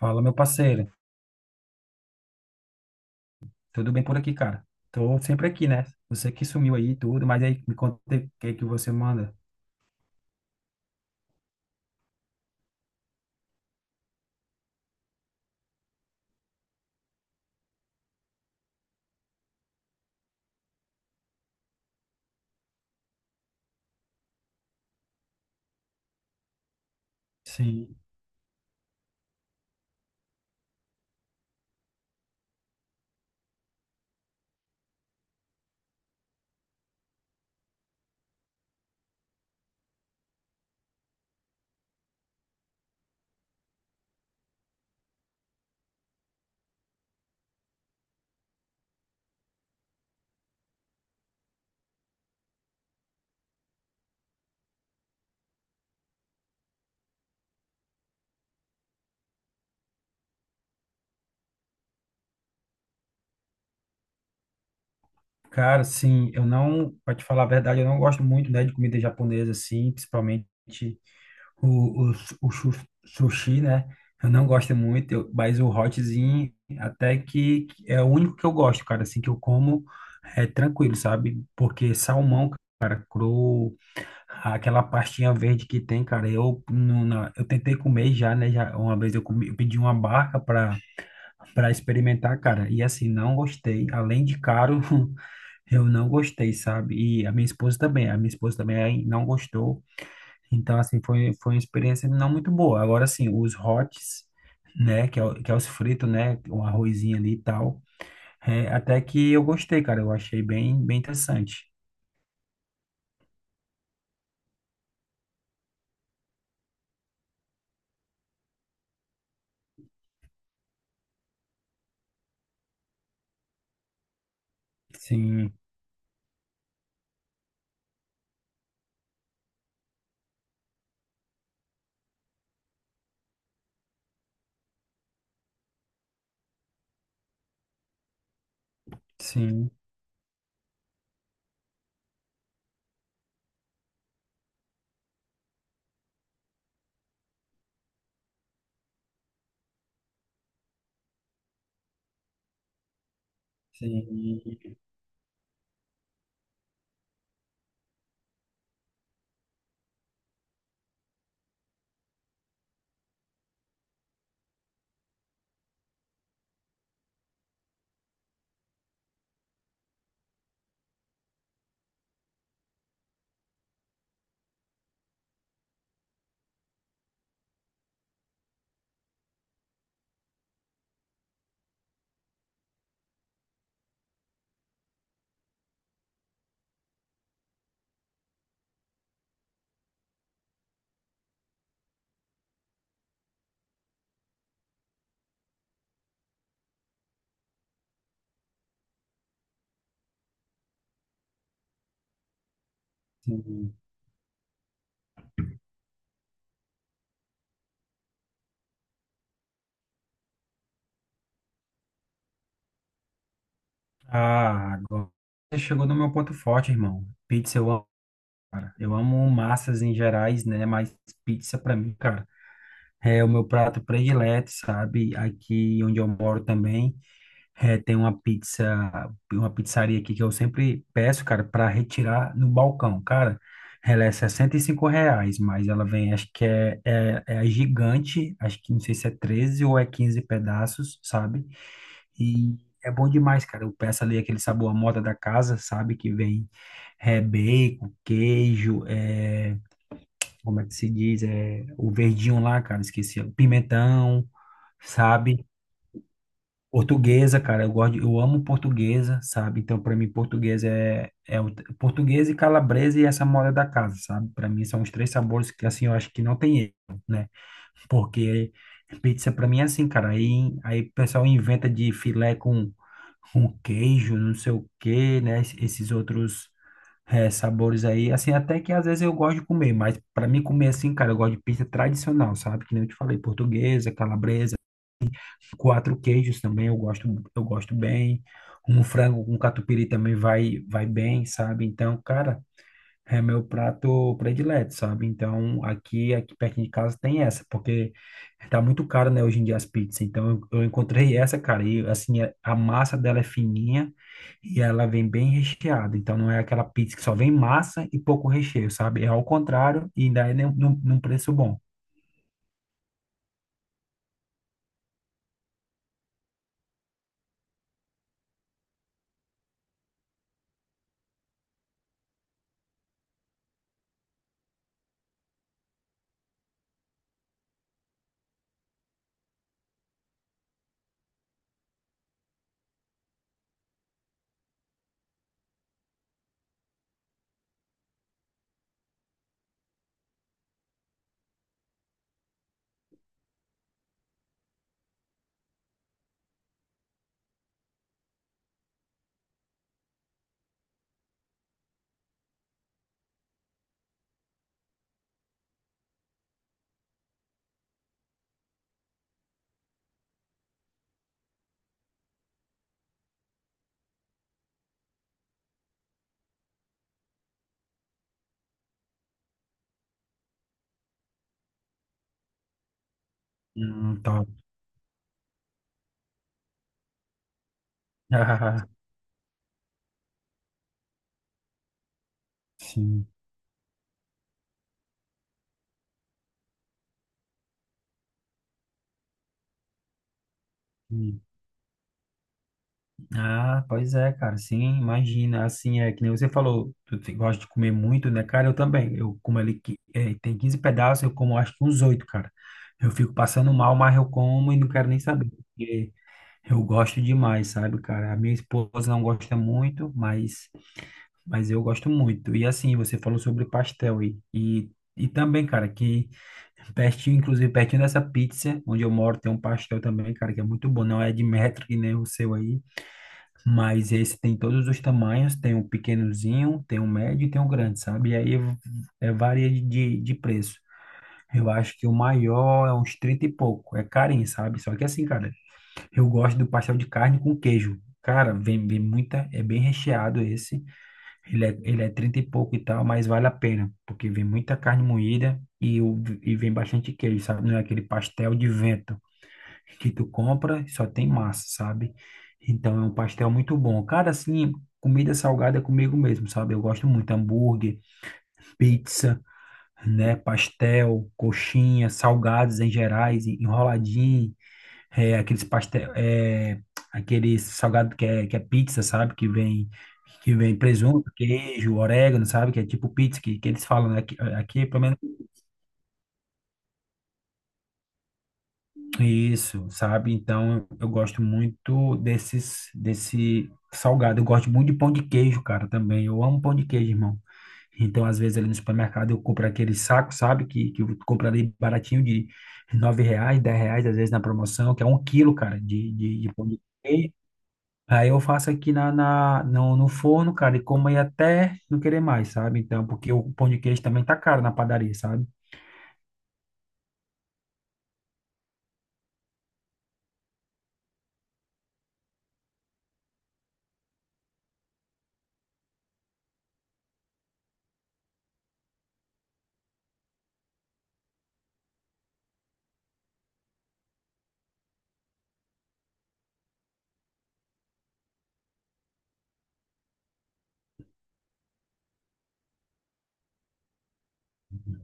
Fala, meu parceiro. Tudo bem por aqui, cara? Tô sempre aqui, né? Você que sumiu aí e tudo, mas aí me conta o que é que você manda. Sim. Cara, sim, eu não, pra te falar a verdade, eu não gosto muito, né, de comida japonesa, assim, principalmente o sushi, né? Eu não gosto muito, mas o hotzinho até que é o único que eu gosto, cara, assim, que eu como é tranquilo, sabe? Porque salmão, cara, cru. Aquela pastinha verde que tem, cara, eu, não- na- eu tentei comer já, né? Já, uma vez eu comi, eu pedi uma barca para experimentar, cara, e assim, não gostei. Além de caro, eu não gostei, sabe? E a minha esposa também aí não gostou. Então, assim, foi uma experiência não muito boa. Agora, assim, os hots, né? Que é os fritos, né? Um arrozinho ali e tal. É, até que eu gostei, cara, eu achei bem, bem interessante. Sim, sim, sim, sim. Ah, agora você chegou no meu ponto forte, irmão. Pizza eu amo, cara. Eu amo massas em gerais, né? Mas pizza pra mim, cara, é o meu prato predileto, sabe? Aqui onde eu moro também, tem uma pizzaria aqui que eu sempre peço, cara, pra retirar no balcão. Cara, ela é 65 reais, mas ela vem, acho que é a gigante, acho que não sei se é 13 ou é 15 pedaços, sabe? E é bom demais, cara. Eu peço ali aquele sabor à moda da casa, sabe? Que vem bacon, queijo, como é que se diz? O verdinho lá, cara, esqueci. Pimentão, sabe? Portuguesa, cara, eu amo portuguesa, sabe? Então, para mim, portuguesa é portuguesa e calabresa e essa moda da casa, sabe? Para mim, são os três sabores que, assim, eu acho que não tem erro, né? Porque pizza, para mim, é assim, cara. Aí, o pessoal inventa de filé com queijo, não sei o quê, né? Esses outros sabores aí. Assim, até que às vezes eu gosto de comer, mas para mim comer assim, cara, eu gosto de pizza tradicional, sabe? Que nem eu te falei, portuguesa, calabresa, quatro queijos também eu gosto bem. Um frango com catupiry também vai bem, sabe? Então, cara, é meu prato predileto, sabe? Então, aqui perto de casa tem essa, porque tá muito caro, né, hoje em dia as pizzas. Então eu encontrei essa, cara, e assim, a massa dela é fininha, e ela vem bem recheada, então não é aquela pizza que só vem massa e pouco recheio, sabe? É ao contrário e ainda é num preço bom. Top. Sim. Sim. Ah, pois é, cara, sim, imagina, assim, é que nem você falou, tu gosta de comer muito, né, cara, eu também, eu como ali, tem 15 pedaços, eu como acho que uns oito, cara, eu fico passando mal, mas eu como e não quero nem saber, porque eu gosto demais, sabe, cara, a minha esposa não gosta muito, mas... Mas eu gosto muito. E assim, você falou sobre pastel e também, cara, que pertinho, inclusive pertinho dessa pizza, onde eu moro, tem um pastel também, cara, que é muito bom. Não é de metro que nem o seu aí, mas esse tem todos os tamanhos, tem um pequenozinho, tem um médio e tem um grande, sabe? E aí varia de preço. Eu acho que o maior é uns 30 e pouco. É carinho, sabe? Só que assim, cara, eu gosto do pastel de carne com queijo. Cara, vem muita, é bem recheado esse. Ele é 30 e pouco e tal, mas vale a pena, porque vem muita carne moída e vem bastante queijo, sabe? Não é aquele pastel de vento que tu compra e só tem massa, sabe? Então é um pastel muito bom. Cara, assim, comida salgada é comigo mesmo, sabe? Eu gosto muito hambúrguer, pizza, né? Pastel, coxinha, salgados em gerais, enroladinho. Aqueles pastel, aquele salgado que é pizza, sabe? Que vem presunto, queijo, orégano, sabe? Que é tipo pizza que eles falam, né? Aqui, é pelo menos isso, sabe? Então eu gosto muito desse salgado. Eu gosto muito de pão de queijo, cara, também. Eu amo pão de queijo, irmão. Então, às vezes, ali no supermercado, eu compro aquele saco, sabe? Que eu compro ali baratinho de 9 reais, 10 reais, às vezes na promoção, que é 1 quilo, cara, de pão de queijo. Aí eu faço aqui na, na, no, no forno, cara, e como aí até não querer mais, sabe? Então, porque o pão de queijo também tá caro na padaria, sabe?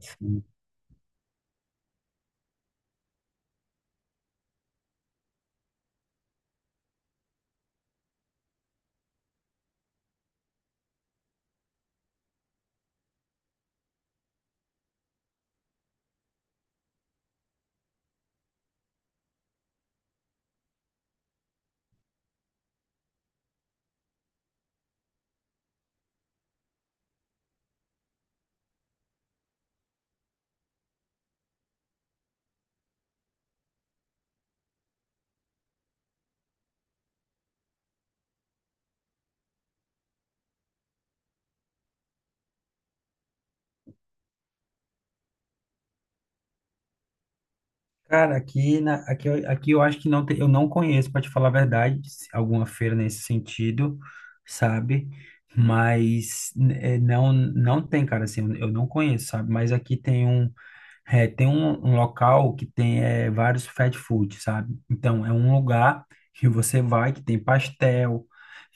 Sim. Cara, aqui eu acho que não tem, eu não conheço, para te falar a verdade, alguma feira nesse sentido, sabe? Mas não tem, cara, assim, eu não conheço, sabe? Mas aqui tem um. Tem um local que tem vários fast food, sabe? Então, é um lugar que você vai que tem pastel,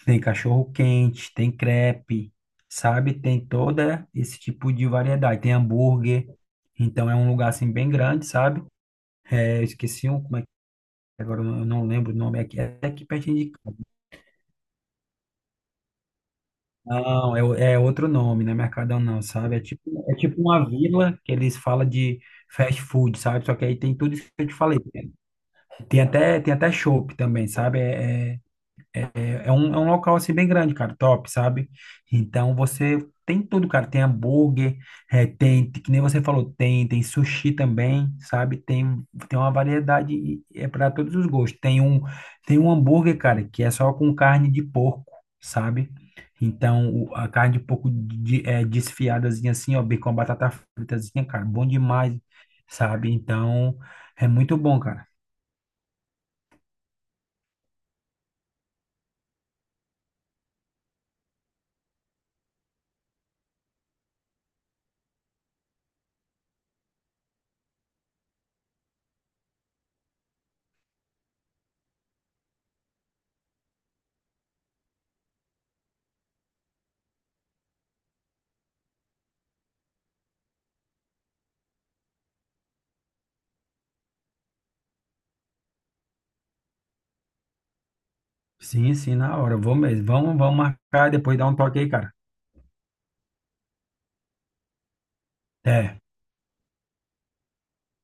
tem cachorro-quente, tem crepe, sabe? Tem toda esse tipo de variedade. Tem hambúrguer. Então, é um lugar, assim, bem grande, sabe? Eu esqueci um, como é que é, agora eu não lembro o nome aqui. É aqui pertinho de casa. Não, é outro nome, não é Mercadão não, sabe? É tipo uma vila que eles falam de fast food, sabe? Só que aí tem tudo isso que eu te falei. Tem até chopp também, sabe? É um local assim bem grande, cara, top, sabe? Então você tem tudo, cara. Tem hambúrguer, que nem você falou, tem sushi também, sabe? Tem uma variedade e é para todos os gostos. Tem um hambúrguer, cara, que é só com carne de porco, sabe? Então a carne de porco desfiadazinha assim, ó, bem com a batata fritazinha, cara, bom demais, sabe? Então é muito bom, cara. Sim, sim, na hora. Vou mesmo. Vamos marcar e depois dar um toque aí, cara. Até.